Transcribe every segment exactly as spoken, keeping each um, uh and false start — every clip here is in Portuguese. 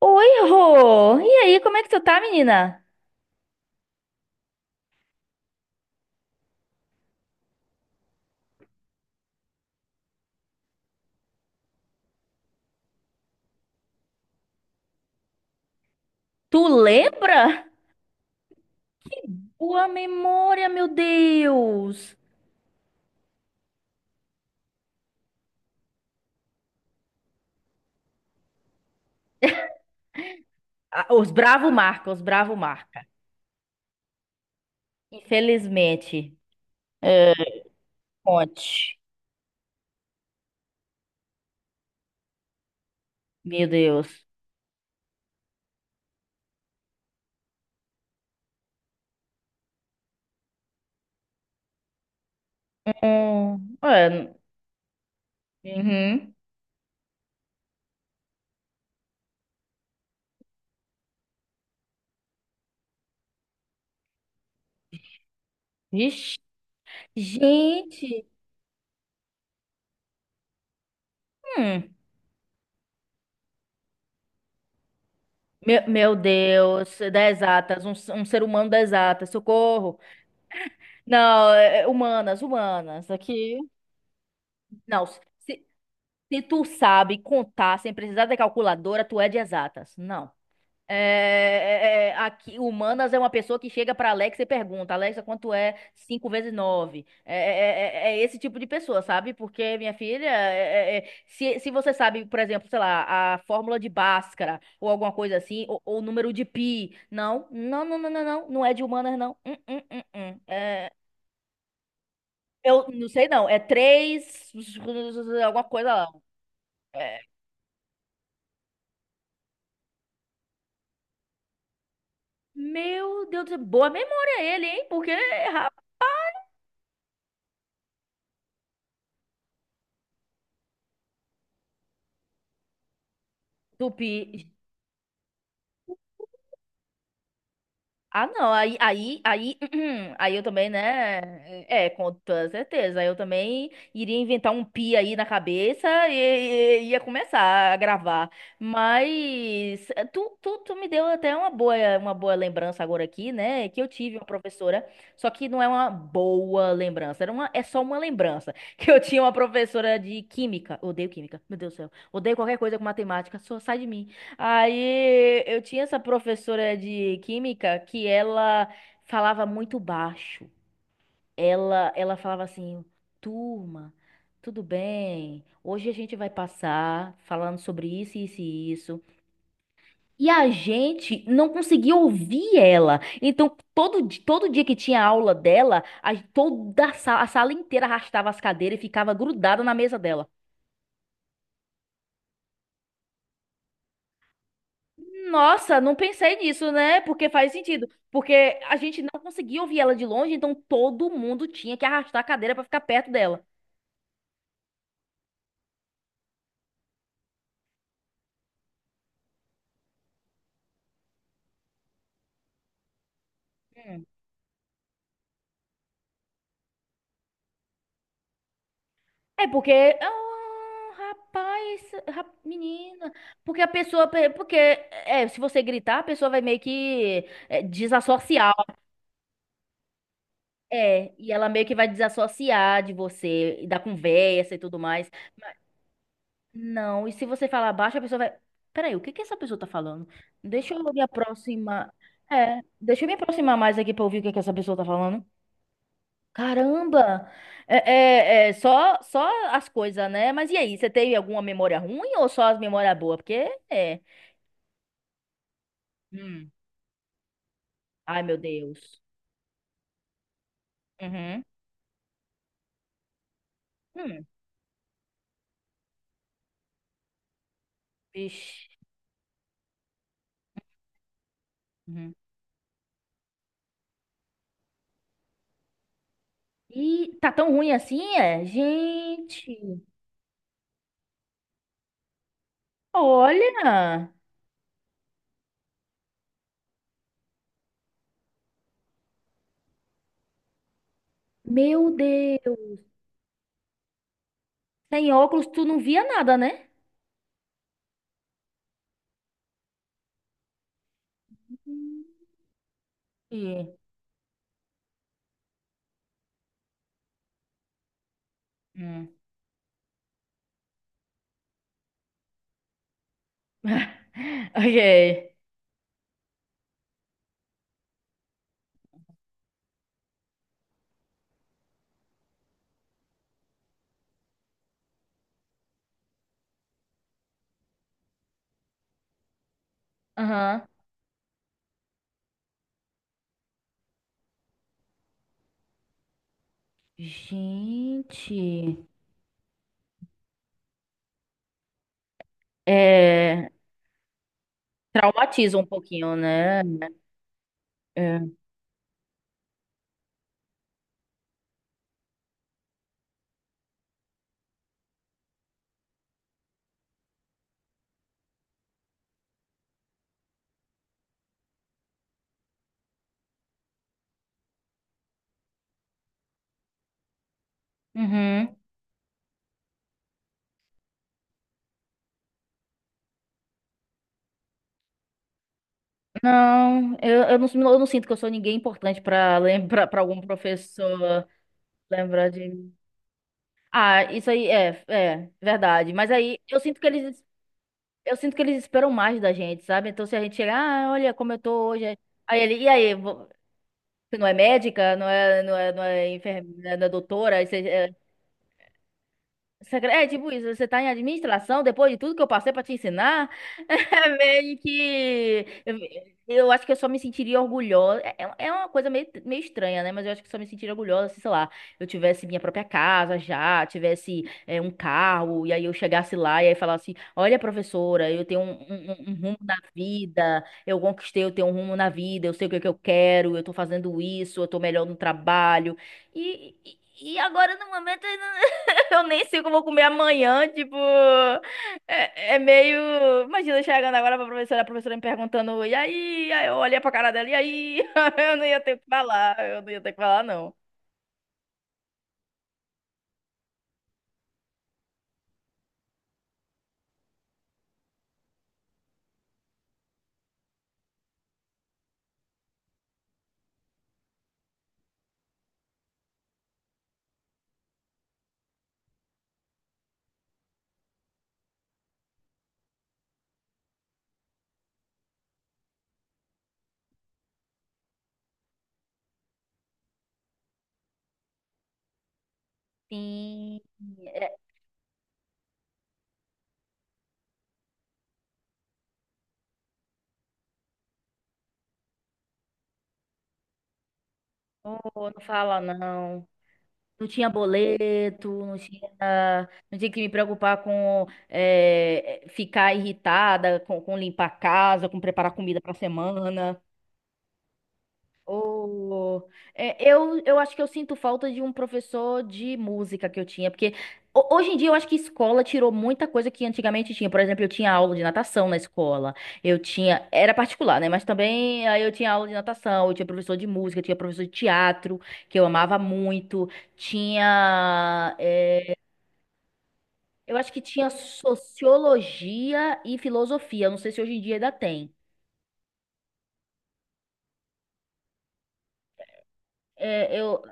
Oi, Rô! E aí, como é que tu tá, menina? Tu lembra? Tua memória, meu Deus! Ah, os Bravo marca, os Bravo marca. Infelizmente. É. Conte. Meu Deus. Hum. É. Uhum. Vixe. Gente! Hum, meu, meu Deus, das exatas, um, um ser humano das exatas, socorro! Não, é, é, humanas, humanas, aqui. Não, se, Se tu sabe contar sem precisar de calculadora, tu é de exatas. Não. É, é, é, é, aqui, humanas é uma pessoa que chega para Alexa e pergunta: Alexa, quanto é cinco vezes nove? É, é, é- é é esse tipo de pessoa, sabe? Porque, minha filha, é- é- é, se, se você sabe, por exemplo, sei lá, a fórmula de Bhaskara ou alguma coisa assim, ou, ou o número de pi, não, não, não, não, não, não, não é de humanas, não. Hum, hum, hum, hum. É, eu não sei, não. É três, alguma coisa lá. É, meu Deus do céu, boa memória ele, hein? Porque, rapaz, tupi. Ah, não, aí, aí, aí, aí eu também, né? É, com toda certeza. Aí eu também iria inventar um pi aí na cabeça e, e- ia começar a gravar. Mas eh, tu, tu, tu me deu até uma boa, uma boa lembrança agora aqui, né? Que eu tive uma professora, só que não é uma boa lembrança, era uma, é só uma lembrança. Que eu tinha uma professora de química, odeio química, meu Deus do céu. Odeio qualquer coisa com matemática, só sai de mim. Aí eu tinha essa professora de química que ela falava muito baixo. Ela, ela falava assim: turma, tudo bem, hoje a gente vai passar falando sobre isso, isso e isso. E a gente não conseguia ouvir ela. Então, todo, di- todo dia que tinha aula dela, a, toda a sala, a sala inteira arrastava as cadeiras e ficava grudada na mesa dela. Nossa, não pensei nisso, né? Porque faz sentido. Porque a gente não conseguia ouvir ela de longe, então todo mundo tinha que arrastar a cadeira pra ficar perto dela. Hum. É porque. Ah, rapaz, ra- menina. Porque a pessoa. pe- Porque é, se você gritar, a pessoa vai meio que, é, desassociar. É, e ela meio que vai desassociar de você, e da conversa e tudo mais. Não, e se você falar baixo, a pessoa vai. Peraí, o que que essa pessoa tá falando? Deixa eu me aproximar. É, deixa eu me aproximar mais aqui pra ouvir o que que essa pessoa tá falando. Caramba! É, é, é, só, só as coisas, né? Mas e aí, você teve alguma memória ruim ou só as memórias boas? Porque é. Hum. Ai, meu Deus. Uhum. Hum. Vixe. Uhum. E tá tão ruim assim, é? Gente, olha! Meu Deus! Sem óculos, tu não via nada, né? E- hum. Ok. Aham. Gente. É. Traumatiza um pouquinho, né? É. Uhum. Não, eu, eu não, eu não sinto que eu sou ninguém importante pra lembrar, para algum professor lembrar de mim. Ah, isso aí é, é verdade. Mas aí eu sinto que eles eu sinto que eles esperam mais da gente, sabe? Então se a gente chegar, ah, olha como eu tô hoje. Aí ele, e aí, vo- você não é médica, não é, não é, não é enfermeira, não é doutora, aí você, é, Secre- é tipo isso, você tá em administração, depois de tudo que eu passei pra te ensinar, é meio que. Eu, eu acho que eu só me sentiria orgulhosa. É, é é uma coisa meio, meio estranha, né? Mas eu acho que só me sentiria orgulhosa se, sei lá, eu tivesse minha própria casa já, tivesse, é, um carro, e aí eu chegasse lá e aí falasse: olha, professora, eu tenho um, um- um- um rumo na vida, eu conquistei, eu tenho um rumo na vida, eu sei o que é que eu quero, eu tô fazendo isso, eu tô melhor no trabalho. E, e e agora no momento. Eu nem sei o que eu vou comer amanhã, tipo, é, é meio. Imagina eu chegando agora pra professora, a professora me perguntando: e aí? Aí eu olhei pra cara dela: e aí? Eu não ia ter o que falar, eu não ia ter o que falar, não. Sim, é, oh, não fala não. Não tinha boleto, não tinha, não tinha que me preocupar com, é, ficar irritada, com, com limpar a casa, com preparar comida pra semana. Ô, é, eu, eu acho que eu sinto falta de um professor de música que eu tinha, porque ho- hoje em dia eu acho que escola tirou muita coisa que antigamente tinha. Por exemplo, eu tinha aula de natação na escola, eu tinha, era particular, né? Mas também aí eu tinha aula de natação, eu tinha professor de música, eu tinha professor de teatro, que eu amava muito, tinha, é, eu acho que tinha sociologia e filosofia, eu não sei se hoje em dia ainda tem. É, eu,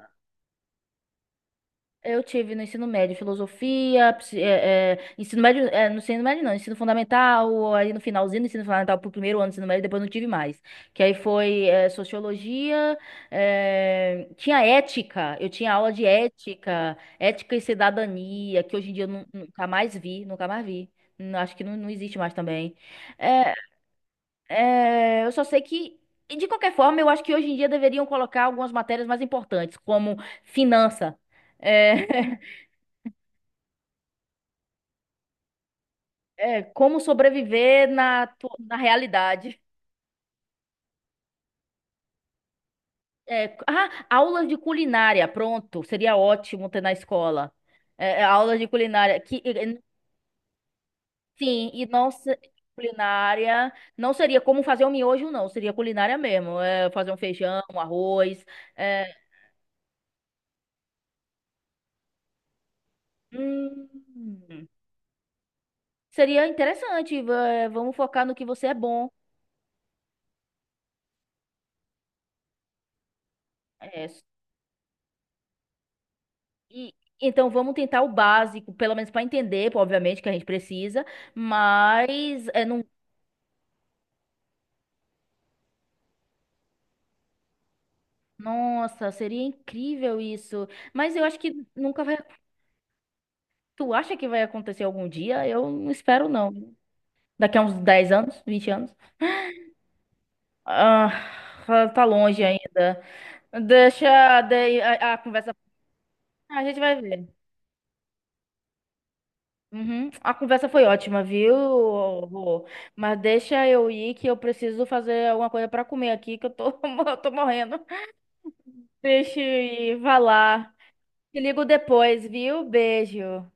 Eu tive no ensino médio filosofia, psi- é, é, ensino médio, é, no ensino médio não, ensino fundamental, aí no finalzinho do ensino fundamental pro primeiro ano do ensino médio, depois não tive mais. Que aí foi, é, sociologia, é, tinha ética, eu tinha aula de ética, ética e cidadania, que hoje em dia eu nu- nunca mais vi, nunca mais vi. Não- Acho que não, não existe mais também. É, é, eu só sei que, e de qualquer forma, eu acho que hoje em dia deveriam colocar algumas matérias mais importantes, como finança. É. É, como sobreviver na, tu- na realidade. É, ah, aulas de culinária, pronto, seria ótimo ter na escola. É, é, aulas de culinária, que, e- e- sim, e não se- culinária, não seria como fazer um miojo, não, seria culinária mesmo, é, fazer um feijão, um arroz. é, hum, Seria interessante, va- vamos focar no que você é bom. É, e, então vamos tentar o básico, pelo menos para entender, pô, obviamente, que a gente precisa, mas é, não. Nossa, seria incrível isso. Mas eu acho que nunca vai. Tu acha que vai acontecer algum dia? Eu não espero, não. Daqui a uns dez anos, vinte anos. Ah, tá longe ainda. Deixa daí a, a conversa. A gente vai ver. Uhum. A conversa foi ótima, viu? Rô? Mas deixa eu ir que eu preciso fazer alguma coisa pra comer aqui, que eu tô, eu tô morrendo. Deixa eu ir. Vai lá. Te ligo depois, viu? Beijo.